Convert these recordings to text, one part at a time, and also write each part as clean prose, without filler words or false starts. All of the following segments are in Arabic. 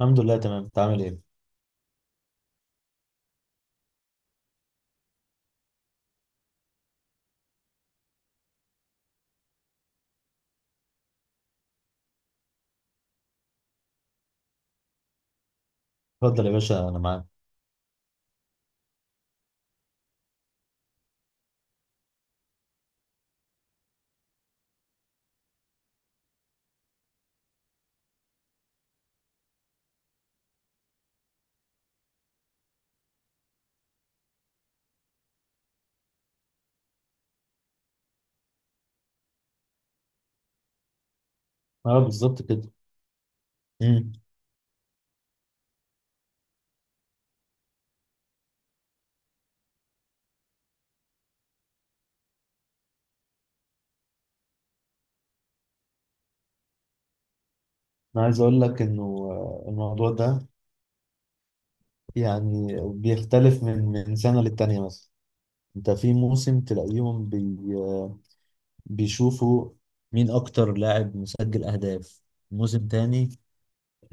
الحمد لله، تمام. انت عامل ايه؟ اتفضل يا باشا، انا معاك. اه، بالظبط كده. امم انا عايز اقول لك انه الموضوع ده يعني بيختلف من سنه للتانيه مثلا. انت في موسم تلاقيهم بي آه، بيشوفوا مين اكتر لاعب مسجل اهداف. موسم تاني،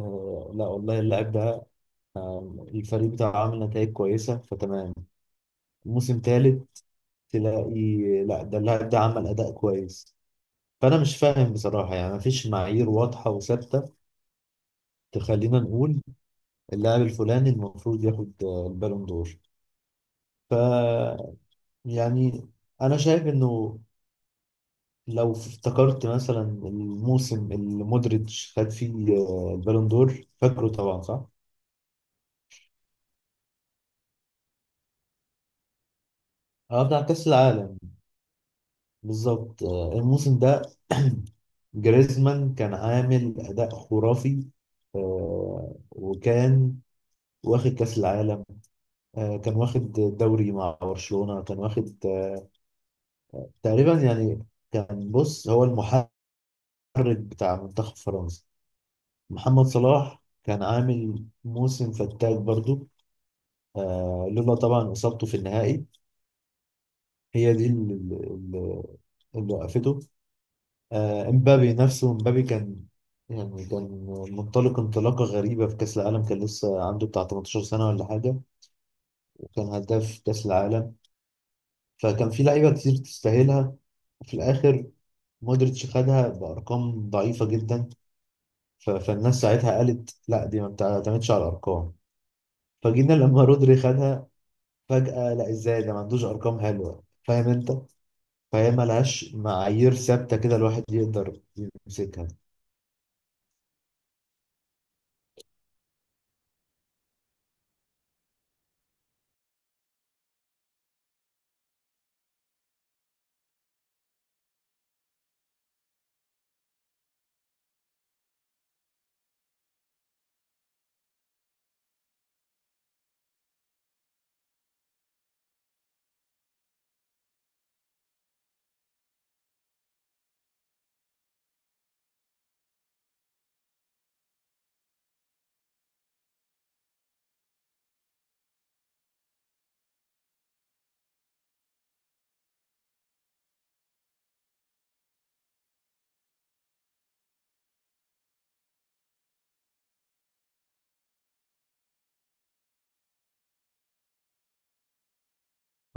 لا والله، اللاعب ده الفريق بتاعه عامل نتائج كويسه فتمام. موسم تالت تلاقي لا، ده اللاعب ده عمل اداء كويس. فانا مش فاهم بصراحه، يعني مفيش معايير واضحه وثابته تخلينا نقول اللاعب الفلاني المفروض ياخد البالون دور. ف يعني انا شايف انه لو افتكرت مثلا الموسم اللي مودريتش خد فيه البالون دور، فاكره طبعا صح؟ اه، بتاع كأس العالم. بالظبط، الموسم ده جريزمان كان عامل أداء خرافي. وكان واخد كأس العالم، كان واخد دوري مع برشلونة، كان واخد تقريبا يعني كان، بص، هو المحرك، المدرب بتاع منتخب فرنسا. محمد صلاح كان عامل موسم فتاك برضو، آه لولا طبعا إصابته في النهائي. هي دي اللي اللي وقفته. امبابي نفسه، امبابي كان يعني كان منطلق انطلاقة غريبة في كأس العالم، كان لسه عنده بتاع 18 سنة ولا حاجة، وكان هداف كأس العالم. فكان في لعيبة كتير تستاهلها، وفي الآخر مودريتش خدها بأرقام ضعيفة جدا. فالناس ساعتها قالت لا، دي ما بتعتمدش على الأرقام. فجينا لما رودري خدها فجأة لا، ازاي ده ما عندوش ارقام حلوة، فاهم انت؟ فهي ملهاش معايير ثابتة كده الواحد يقدر يمسكها.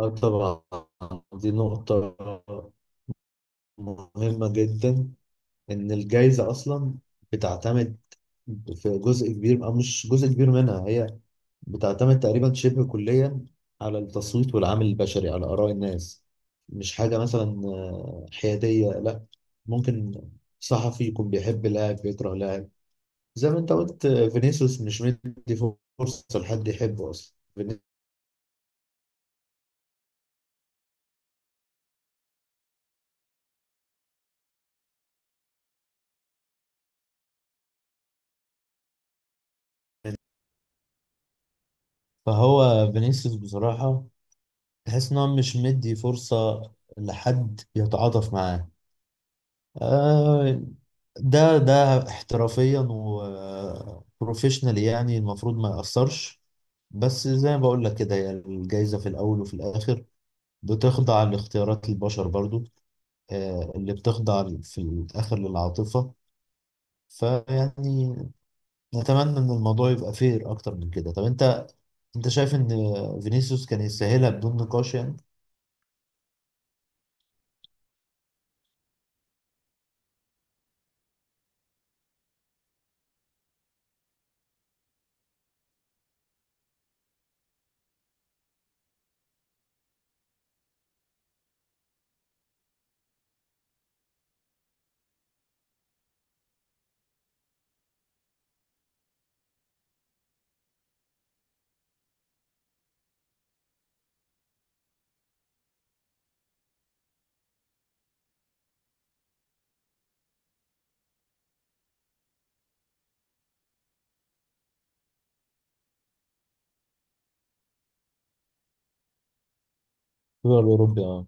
اه طبعا، دي نقطة مهمة جدا، ان الجايزة اصلا بتعتمد في جزء كبير، أو مش جزء كبير منها، هي بتعتمد تقريبا شبه كليا على التصويت والعامل البشري، على آراء الناس. مش حاجة مثلا حيادية، لا. ممكن صحفي يكون بيحب لاعب بيكره لاعب، زي ما انت قلت، فينيسيوس مش مدي فرصة لحد يحبه أصلا. فهو فينيسيوس بصراحة تحس إن هو مش مدي فرصة لحد يتعاطف معاه. آه، ده احترافيا وبروفيشنال، يعني المفروض ما يأثرش. بس زي ما بقول لك كده، هي الجايزة في الأول وفي الآخر بتخضع لاختيارات البشر برضو، اللي بتخضع في الآخر للعاطفة. فيعني نتمنى إن الموضوع يبقى فير أكتر من كده. طب أنت شايف إن فينيسيوس كان يستاهلها بدون نقاش يعني؟ الدوري الأوروبي، اه.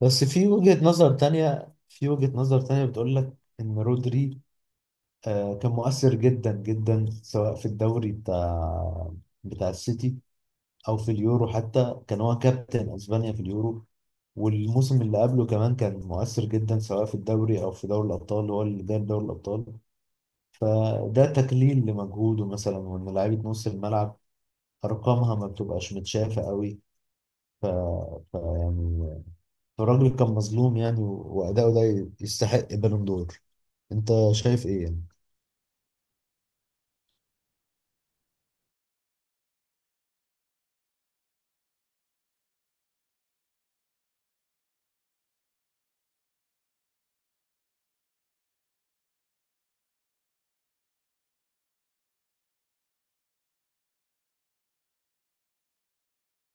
بس في وجهة نظر تانية، في وجهة نظر تانية بتقول لك إن رودري كان مؤثر جدا جدا سواء في الدوري بتاع السيتي، او في اليورو. حتى كان هو كابتن اسبانيا في اليورو. والموسم اللي قبله كمان كان مؤثر جدا سواء في الدوري او في دوري الابطال، هو اللي جاب دوري الابطال. فده تكليل لمجهوده مثلا، وان لعيبه نص الملعب ارقامها ما بتبقاش متشافه قوي. ف... يعني الراجل كان مظلوم يعني، واداؤه ده يستحق بالون دور. انت شايف ايه يعني؟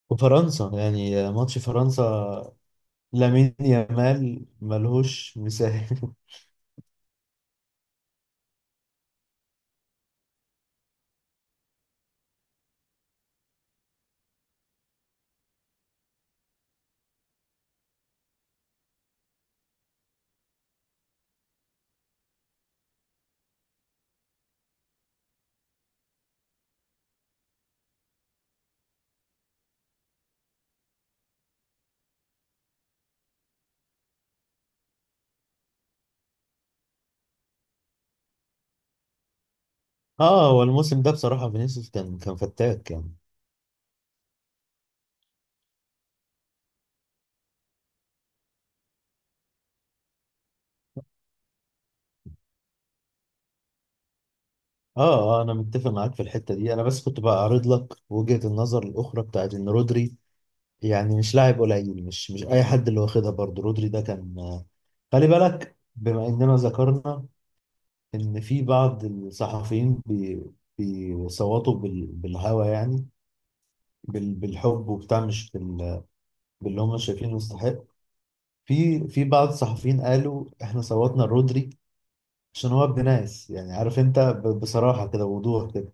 وفرنسا، يعني ماتش فرنسا، لامين يامال ملهوش مثال. اه، هو الموسم ده بصراحة فينيسيوس كان فتاك يعني. اه اه، انا متفق معاك في الحتة دي. انا بس كنت بعرض لك وجهة النظر الاخرى بتاعت ان رودري يعني مش لاعب قليل، مش اي حد اللي واخدها. برضه رودري ده كان، خلي بالك بما اننا ذكرنا ان في بعض الصحفيين بيصوتوا بالهوى يعني، بالحب وبتاع، مش باللي هم شايفينه يستحق. في بعض الصحفيين قالوا احنا صوتنا رودري عشان هو ابن ناس، يعني عارف انت، بصراحة كده ووضوح كده،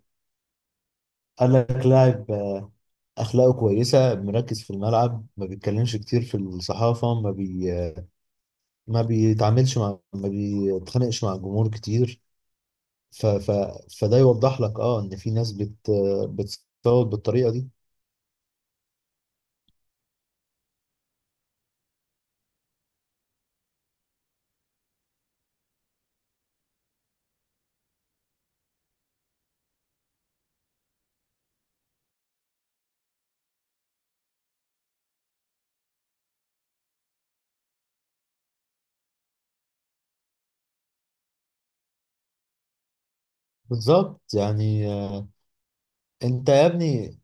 قال لك لاعب اخلاقه كويسة، مركز في الملعب، ما بيتكلمش كتير في الصحافة، ما بي آه، ما بيتخانقش مع الجمهور كتير. ف ف فده يوضح لك، اه، ان في ناس بت آه، بتصوت بالطريقة دي. بالظبط، يعني، انت يا ابني،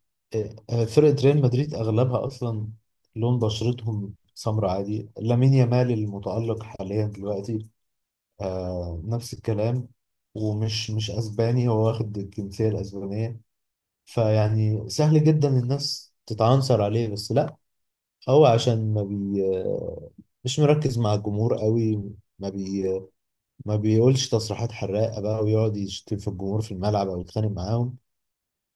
فرقة ريال مدريد اغلبها اصلا لون بشرتهم سمراء، عادي. لامين يامال المتألق حاليا دلوقتي، آه، نفس الكلام، ومش مش اسباني، هو واخد الجنسية الاسبانية. فيعني سهل جدا الناس تتعنصر عليه، بس لا، هو عشان ما بي آه، مش مركز مع الجمهور قوي، ما بي ما بيقولش تصريحات حراقة، بقى، ويقعد يشتم في الجمهور في الملعب او يتخانق معاهم.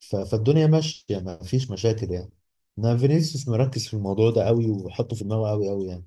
فالدنيا ماشية، ما فيش مشاكل يعني. انا فينيسيوس مركز في الموضوع ده قوي، وحطه في دماغه قوي قوي يعني.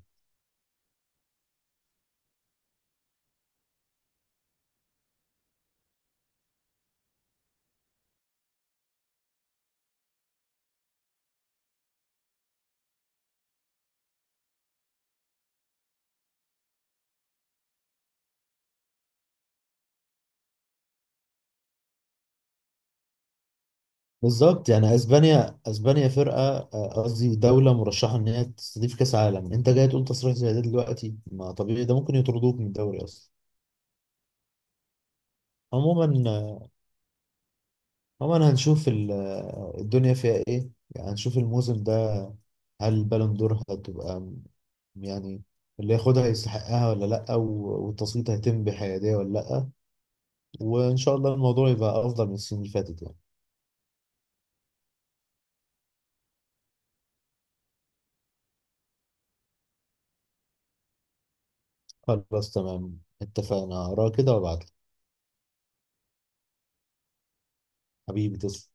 بالظبط، يعني اسبانيا فرقة، قصدي دولة مرشحة ان هي تستضيف كاس عالم، انت جاي تقول تصريح زي ده دلوقتي؟ ما طبيعي ده ممكن يطردوك من الدوري اصلا. عموما آه، عموما هنشوف الدنيا فيها ايه يعني. هنشوف الموسم ده هل البالون دور هتبقى يعني اللي ياخدها يستحقها ولا لا، والتصويت هيتم بحيادية ولا لا. وإن شاء الله الموضوع يبقى أفضل من السنين اللي فاتت يعني. خلاص، تمام، اتفقنا. أقرأ كده وأبعتلك. حبيبي، تسلم.